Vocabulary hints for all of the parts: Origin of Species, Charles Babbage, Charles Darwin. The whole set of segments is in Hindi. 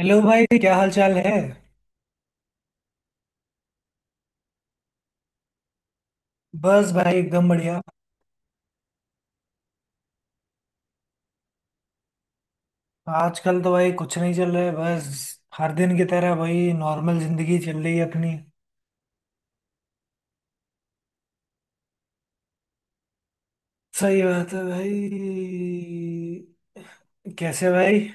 हेलो भाई, क्या हाल चाल है। बस भाई, एकदम बढ़िया। आजकल तो भाई कुछ नहीं चल रहा है, बस हर दिन की तरह भाई नॉर्मल जिंदगी चल रही है अपनी। सही बात है भाई। कैसे भाई?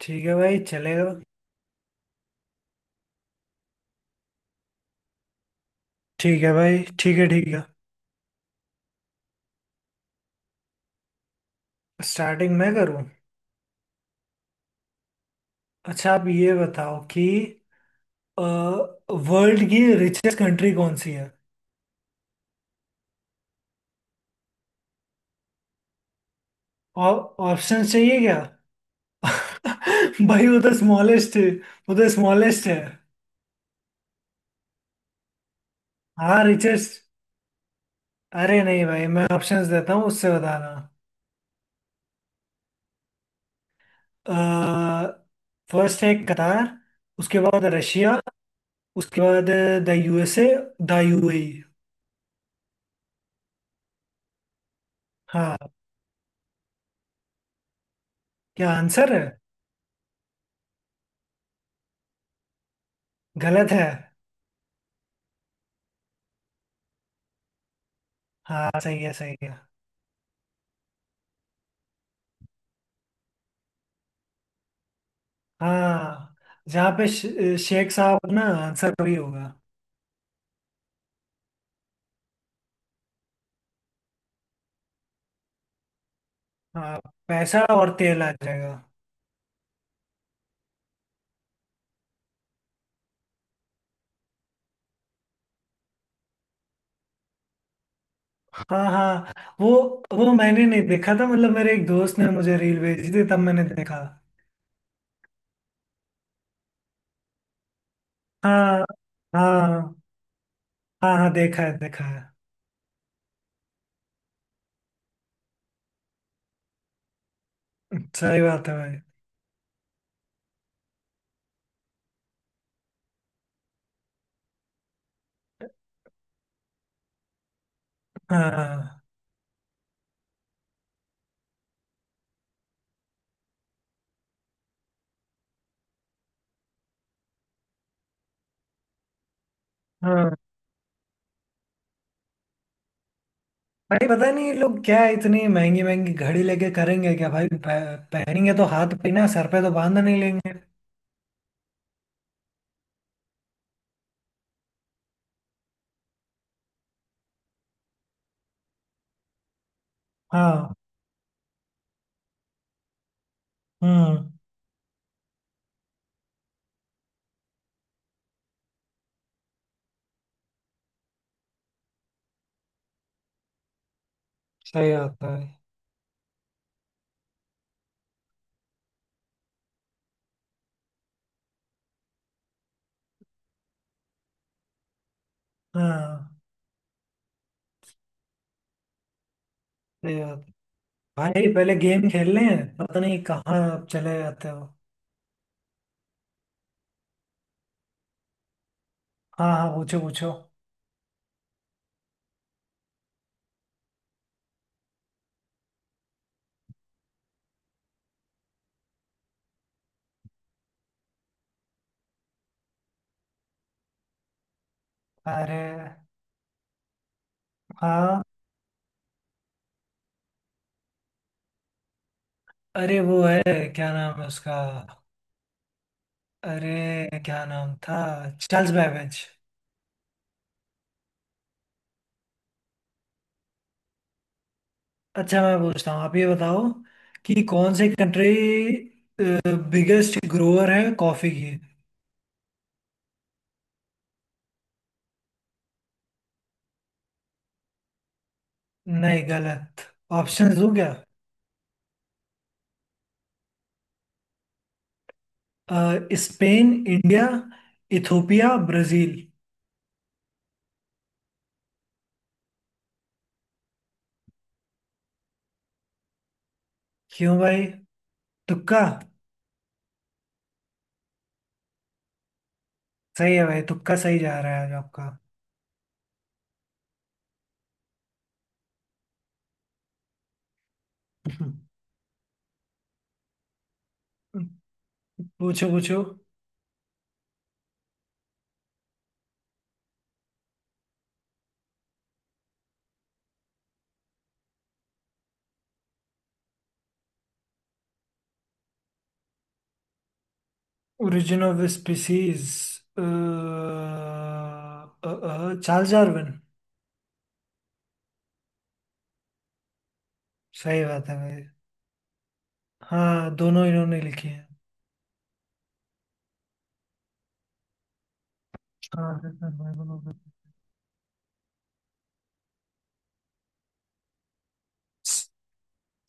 ठीक है भाई, चलेगा। ठीक है भाई, ठीक है ठीक है। स्टार्टिंग मैं करूं? अच्छा, आप ये बताओ कि वर्ल्ड की रिचेस्ट कंट्री कौन सी है। और? ऑप्शन चाहिए क्या? भाई वो तो स्मॉलेस्ट है। वो तो स्मॉलेस्ट है। हाँ, रिचेस्ट। अरे नहीं भाई, मैं ऑप्शंस देता हूँ, उससे बताना। फर्स्ट है कतार। उसके बाद रशिया। उसके बाद द यूएसए, द यूएई। हाँ। क्या आंसर है? गलत है? हाँ, सही है सही है। हाँ। जहाँ पे शेख साहब ना, आंसर वही होगा। हाँ, पैसा और तेल आ जाएगा। हाँ हाँ। वो वो मैंने नहीं देखा था, मतलब मेरे एक दोस्त ने मुझे रील भेजी थी, तब मैंने देखा। हाँ हाँ हाँ। हाँ, देखा है देखा है। सही बात है भाई। हाँ। हाँ भाई, पता नहीं ये लोग क्या इतनी महंगी महंगी घड़ी लेके करेंगे क्या भाई, पहनेंगे तो हाथ पे ना, सर पे तो बांध नहीं लेंगे। हाँ। हम्म। सही बात है भाई। हाँ। सही बात है। भाई पहले गेम खेल लें, पता नहीं कहाँ चले जाते हो। हाँ हाँ, पूछो पूछो। अरे हाँ। अरे वो है, क्या नाम है उसका? अरे क्या नाम था? Charles Babbage. अच्छा, मैं पूछता हूँ, आप ये बताओ कि कौन सी कंट्री बिगेस्ट ग्रोअर है कॉफी की। नहीं, गलत। ऑप्शंस दूं क्या? अ, स्पेन, इंडिया, इथोपिया, ब्राजील। क्यों भाई, तुक्का? सही है भाई, तुक्का सही जा रहा है आज आपका। पूछो पूछो। Origin of species. Charles Darwin. सही बात है भाई। हाँ, दोनों इन्होंने लिखी है। हाँ।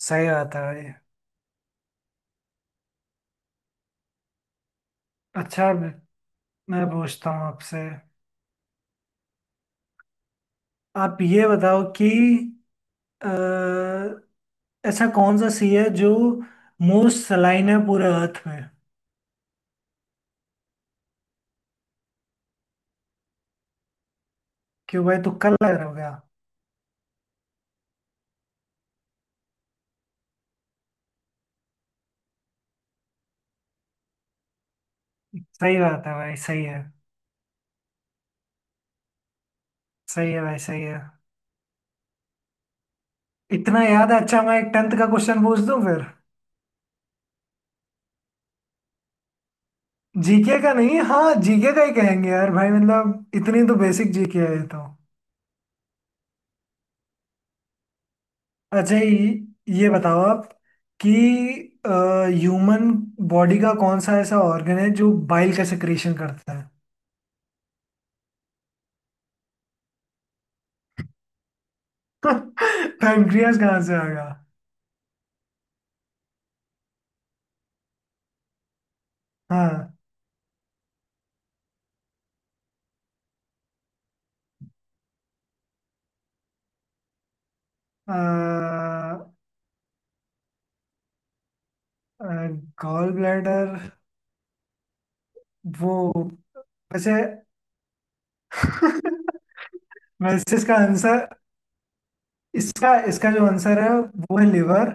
सही बात है भाई। अच्छा, मैं पूछता हूँ आपसे। आप ये बताओ कि अ, ऐसा कौन सा सी है जो मोस्ट सलाइन है पूरे अर्थ में। क्यों भाई, तुक्का लग रहा होगा? सही बात है भाई, सही है। सही है भाई, सही है। इतना याद है। अच्छा मैं एक टेंथ का क्वेश्चन पूछ दूं फिर। जीके का नहीं, हाँ जीके का ही कहेंगे यार भाई, मतलब इतनी तो बेसिक जीके है ये तो। अच्छा ये बताओ आप कि ह्यूमन बॉडी का कौन सा ऐसा ऑर्गन है जो बाइल का सेक्रेशन करता है। पैंक्रियास कहाँ से आ गया? हाँ, गॉल ब्लैडर, वो। वैसे, वैसे इसका आंसर, इसका इसका जो आंसर है वो है लिवर।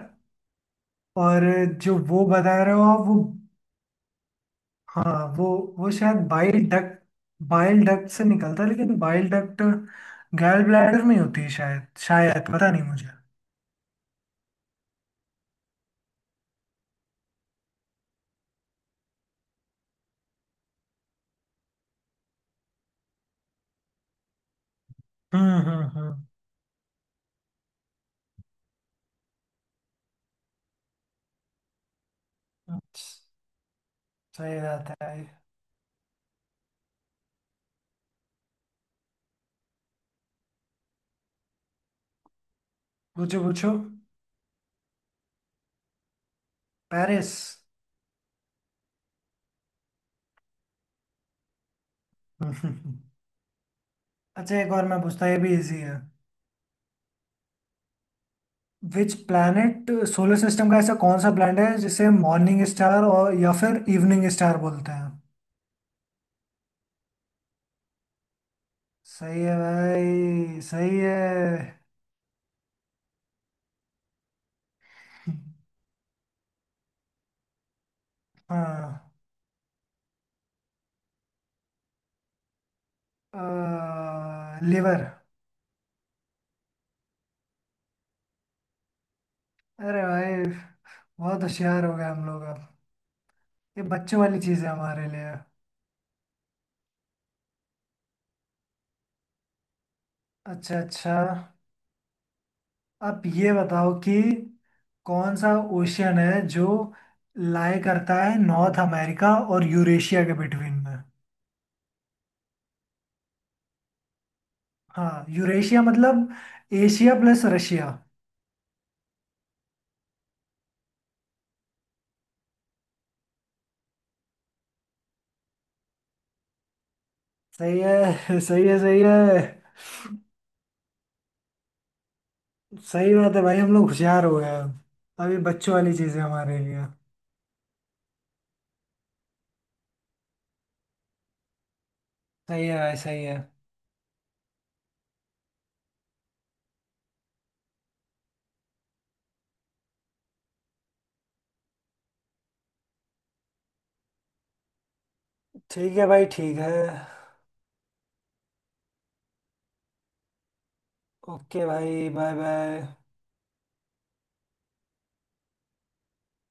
और जो वो बता रहे हो आप, वो। हाँ, वो शायद बाइल डक्ट। बाइल डक्ट से निकलता है, लेकिन बाइल डक्ट, गैल ब्लैडर में होती है शायद, शायद पता नहीं मुझे। हम्म। सही बात है। पूछो पूछो। पेरिस। अच्छा एक और मैं पूछता, ये भी इजी है। विच प्लैनेट, सोलर सिस्टम का ऐसा कौन सा प्लैनेट है जिसे मॉर्निंग स्टार और या फिर इवनिंग स्टार बोलते हैं? सही है भाई, सही है। हाँ, लिवर। अरे भाई, बहुत होशियार हो गए हम लोग अब। ये बच्चों वाली चीज है हमारे लिए। अच्छा अच्छा, आप ये बताओ कि कौन सा ओशियन है जो लाई करता है नॉर्थ अमेरिका और यूरेशिया के बिटवीन में। हाँ, यूरेशिया मतलब एशिया प्लस रशिया। सही है, सही है सही है। सही बात है भाई, हम लोग होशियार हो गए अब। अभी बच्चों वाली चीज है हमारे लिए। सही है भाई, सही है। ठीक है भाई, ठीक है। ओके भाई, बाय बाय।